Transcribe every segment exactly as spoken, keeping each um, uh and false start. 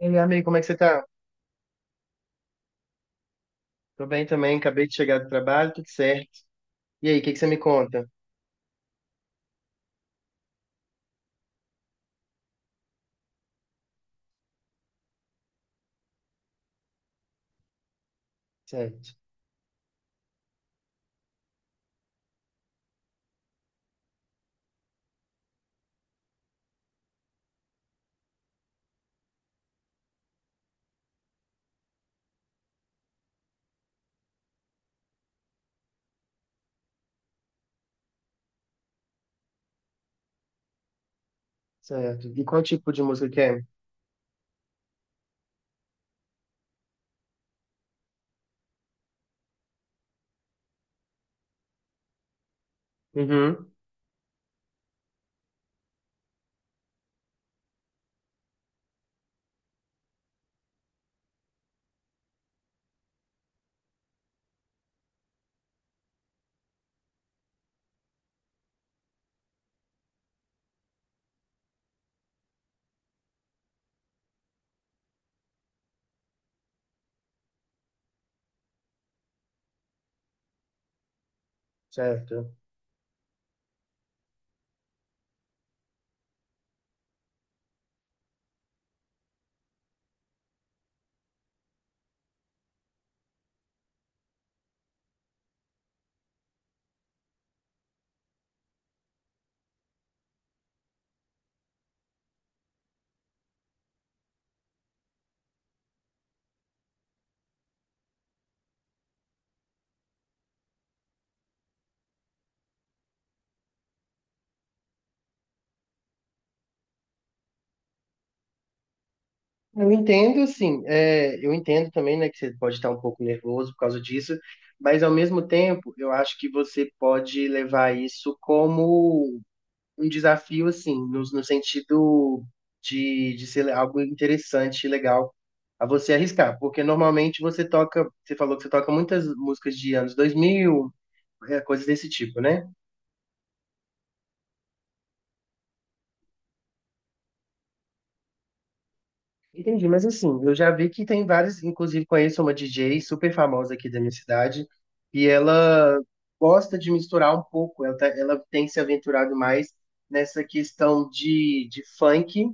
E aí, amigo, como é que você tá? Tô bem também, acabei de chegar do trabalho, tudo certo. E aí, o que que você me conta? Certo, certo. E qual tipo de música que é? Uhum, certo. Eu entendo, assim, é, eu entendo também, né, que você pode estar um pouco nervoso por causa disso, mas ao mesmo tempo, eu acho que você pode levar isso como um desafio, assim, no, no sentido de, de ser algo interessante e legal a você arriscar, porque normalmente você toca, você falou que você toca muitas músicas de anos dois mil, é, coisas desse tipo, né? Entendi, mas assim, eu já vi que tem várias, inclusive conheço uma D J super famosa aqui da minha cidade, e ela gosta de misturar um pouco, ela, tá- ela tem se aventurado mais nessa questão de, de funk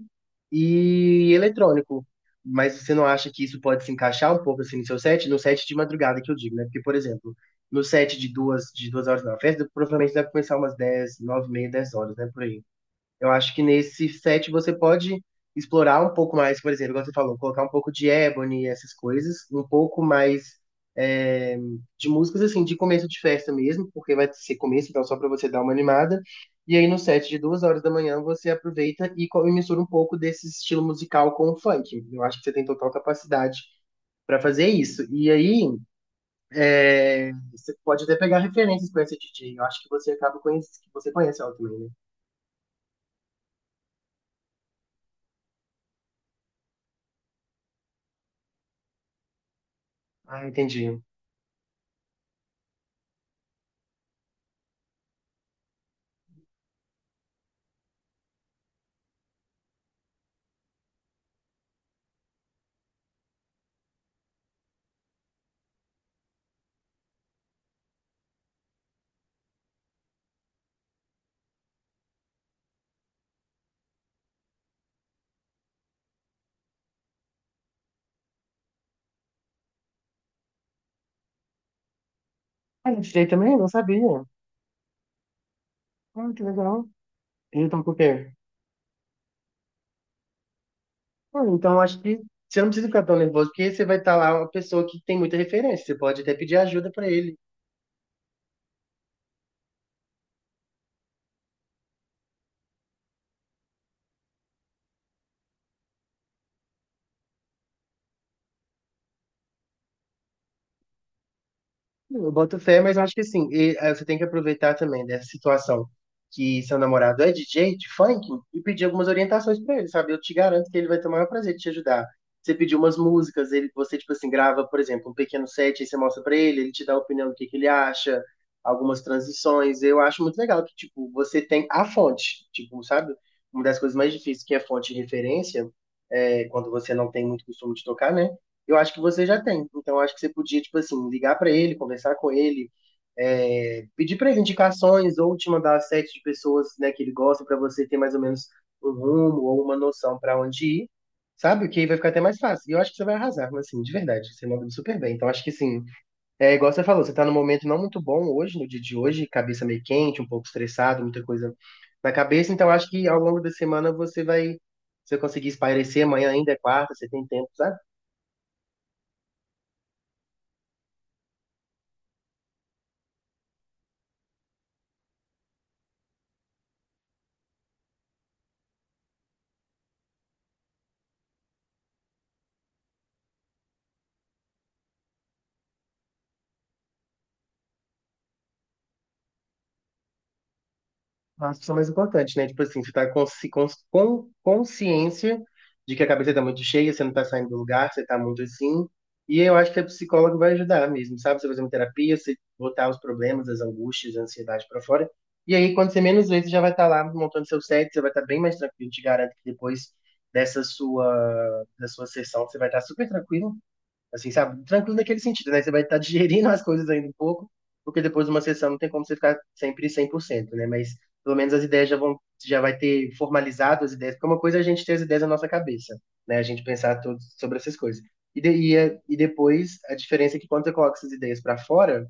e eletrônico. Mas você não acha que isso pode se encaixar um pouco assim no seu set? No set de madrugada que eu digo, né? Porque, por exemplo, no set de duas, de duas horas na festa, provavelmente deve começar umas dez, nove e meia, dez horas, né? Por aí. Eu acho que nesse set você pode explorar um pouco mais, por exemplo, igual você falou, colocar um pouco de Ebony e essas coisas, um pouco mais é, de músicas assim, de começo de festa mesmo, porque vai ser começo, então só para você dar uma animada. E aí no set de duas horas da manhã você aproveita e co- e mistura um pouco desse estilo musical com o funk. Eu acho que você tem total capacidade para fazer isso. E aí eh, você pode até pegar referências com esse D J. Eu acho que você acaba conhecendo, que você conhece ela também, né? Ah, entendi. Ah, eu tirei também, não sabia. Ah, que legal. E então, por quê? Ah, então, acho que você não precisa ficar tão nervoso, porque você vai estar lá uma pessoa que tem muita referência. Você pode até pedir ajuda pra ele. Eu boto fé, mas eu acho que assim, e, eh, você tem que aproveitar também dessa situação que seu namorado é D J de funk e pedir algumas orientações pra ele, sabe? Eu te garanto que ele vai ter o maior prazer de te ajudar. Você pediu umas músicas, ele, você, tipo assim, grava, por exemplo, um pequeno set, aí você mostra pra ele, ele te dá a opinião do que que ele acha, algumas transições. Eu acho muito legal que, tipo, você tem a fonte, tipo, sabe? Uma das coisas mais difíceis que é a fonte de referência, é, quando você não tem muito costume de tocar, né? Eu acho que você já tem. Então, eu acho que você podia, tipo assim, ligar pra ele, conversar com ele, é, pedir pra ele indicações ou te mandar sete de pessoas, né, que ele gosta pra você ter mais ou menos um rumo ou uma noção pra onde ir, sabe? Que aí vai ficar até mais fácil. E eu acho que você vai arrasar, mas, assim, de verdade, você manda super bem. Então, acho que assim, é igual você falou, você tá num momento não muito bom hoje, no dia de hoje, cabeça meio quente, um pouco estressado, muita coisa na cabeça. Então, acho que ao longo da semana você vai, você vai conseguir espairecer. Amanhã ainda é quarta, você tem tempo, sabe? Acho que é o mais importante, né? Tipo assim, você tá consci- cons- com consciência de que a cabeça tá muito cheia, você não tá saindo do lugar, você tá muito assim. E eu acho que a psicóloga vai ajudar mesmo, sabe? Você fazer uma terapia, você botar os problemas, as angústias, a ansiedade pra fora. E aí, quando você menos vê, você já vai estar lá montando seu set, você vai estar bem mais tranquilo. Te garanto que depois dessa sua, da sua sessão, você vai estar super tranquilo. Assim, sabe? Tranquilo naquele sentido, né? Você vai estar digerindo as coisas ainda um pouco, porque depois de uma sessão não tem como você ficar sempre cem por cento, né? Mas pelo menos as ideias já vão, já vai ter formalizado as ideias, porque é uma coisa é a gente ter as ideias na nossa cabeça, né? A gente pensar tudo sobre essas coisas. E, de- e, a- e depois, a diferença é que quando você coloca essas ideias para fora,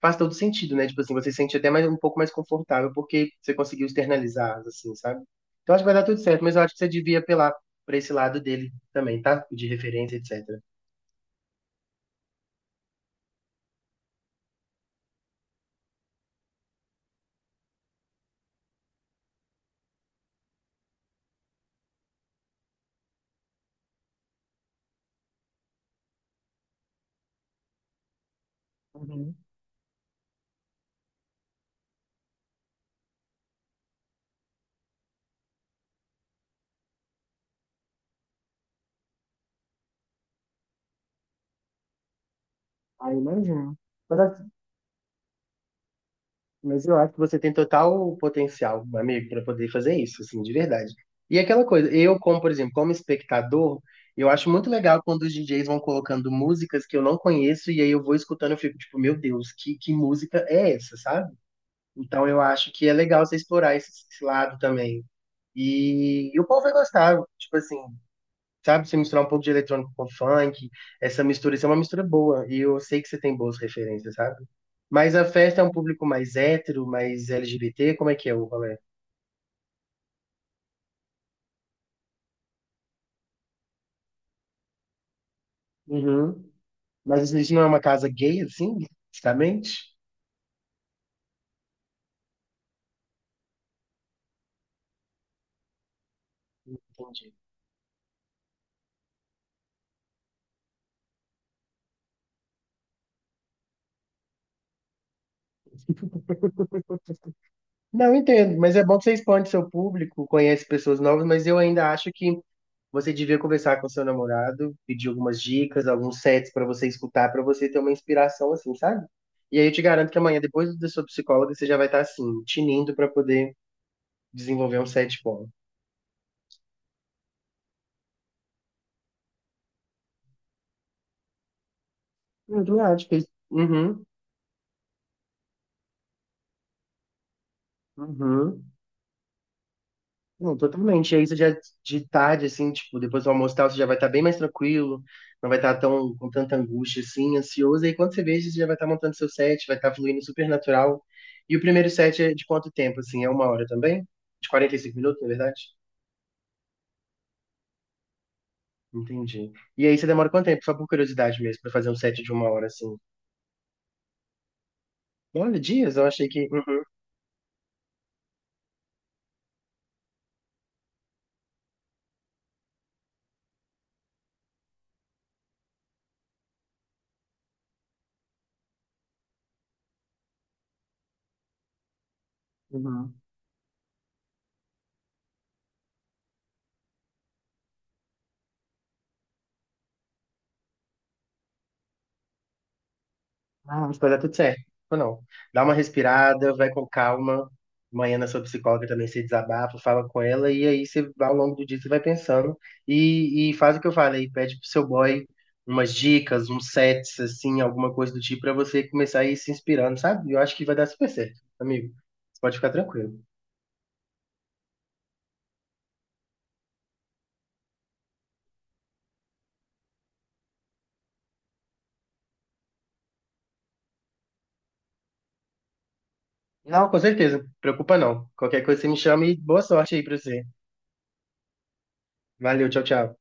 faz todo sentido, né? Tipo assim, você se sente até mais, um pouco mais confortável porque você conseguiu externalizar, assim, sabe? Então acho que vai dar tudo certo, mas eu acho que você devia apelar para esse lado dele também, tá? De referência, etcétera. Ah, imagino. Mas, a- mas eu acho que você tem total potencial, amigo, para poder fazer isso, assim, de verdade. E aquela coisa, eu, como, por exemplo, como espectador, eu acho muito legal quando os D Js vão colocando músicas que eu não conheço e aí eu vou escutando e fico tipo, meu Deus, que, que música é essa, sabe? Então eu acho que é legal você explorar esse, esse lado também. E, e o povo vai gostar, tipo assim, sabe? Você misturar um pouco de eletrônico com funk, essa mistura, isso é uma mistura boa. E eu sei que você tem boas referências, sabe? Mas a festa é um público mais hétero, mais L G B T, como é que é o rolê? Uhum. Mas isso não é uma casa gay, assim, justamente? Entendi. Não, entendo, mas é bom que você expande seu público, conhece pessoas novas, mas eu ainda acho que você devia conversar com seu namorado, pedir algumas dicas, alguns sets pra você escutar, pra você ter uma inspiração assim, sabe? E aí eu te garanto que amanhã, depois da sua psicóloga, você já vai estar assim, tinindo pra poder desenvolver um set bom. É verdade, porque uhum, uhum. Não, totalmente. E aí você já de tarde, assim, tipo, depois do almoço e tal, você já vai estar bem mais tranquilo, não vai estar tão com tanta angústia, assim, ansioso. E aí quando você veja, você já vai estar montando seu set, vai estar fluindo super natural. E o primeiro set é de quanto tempo, assim? É uma hora também? De quarenta e cinco minutos, na verdade? Entendi. E aí você demora quanto tempo? Só por curiosidade mesmo, pra fazer um set de uma hora, assim. Olha, dias? Eu achei que. Uhum. Ah, mas vai dar tudo certo. Ou não. Dá uma respirada, vai com calma. Amanhã na sua psicóloga também se desabafa, fala com ela, e aí você, ao longo do dia você vai pensando. E, e faz o que eu falei, pede pro seu boy umas dicas, uns sets, assim, alguma coisa do tipo, pra você começar a ir se inspirando, sabe? Eu acho que vai dar super certo, amigo. Você pode ficar tranquilo. Não, com certeza. Preocupa não. Qualquer coisa você me chama e boa sorte aí pra você. Valeu, tchau, tchau.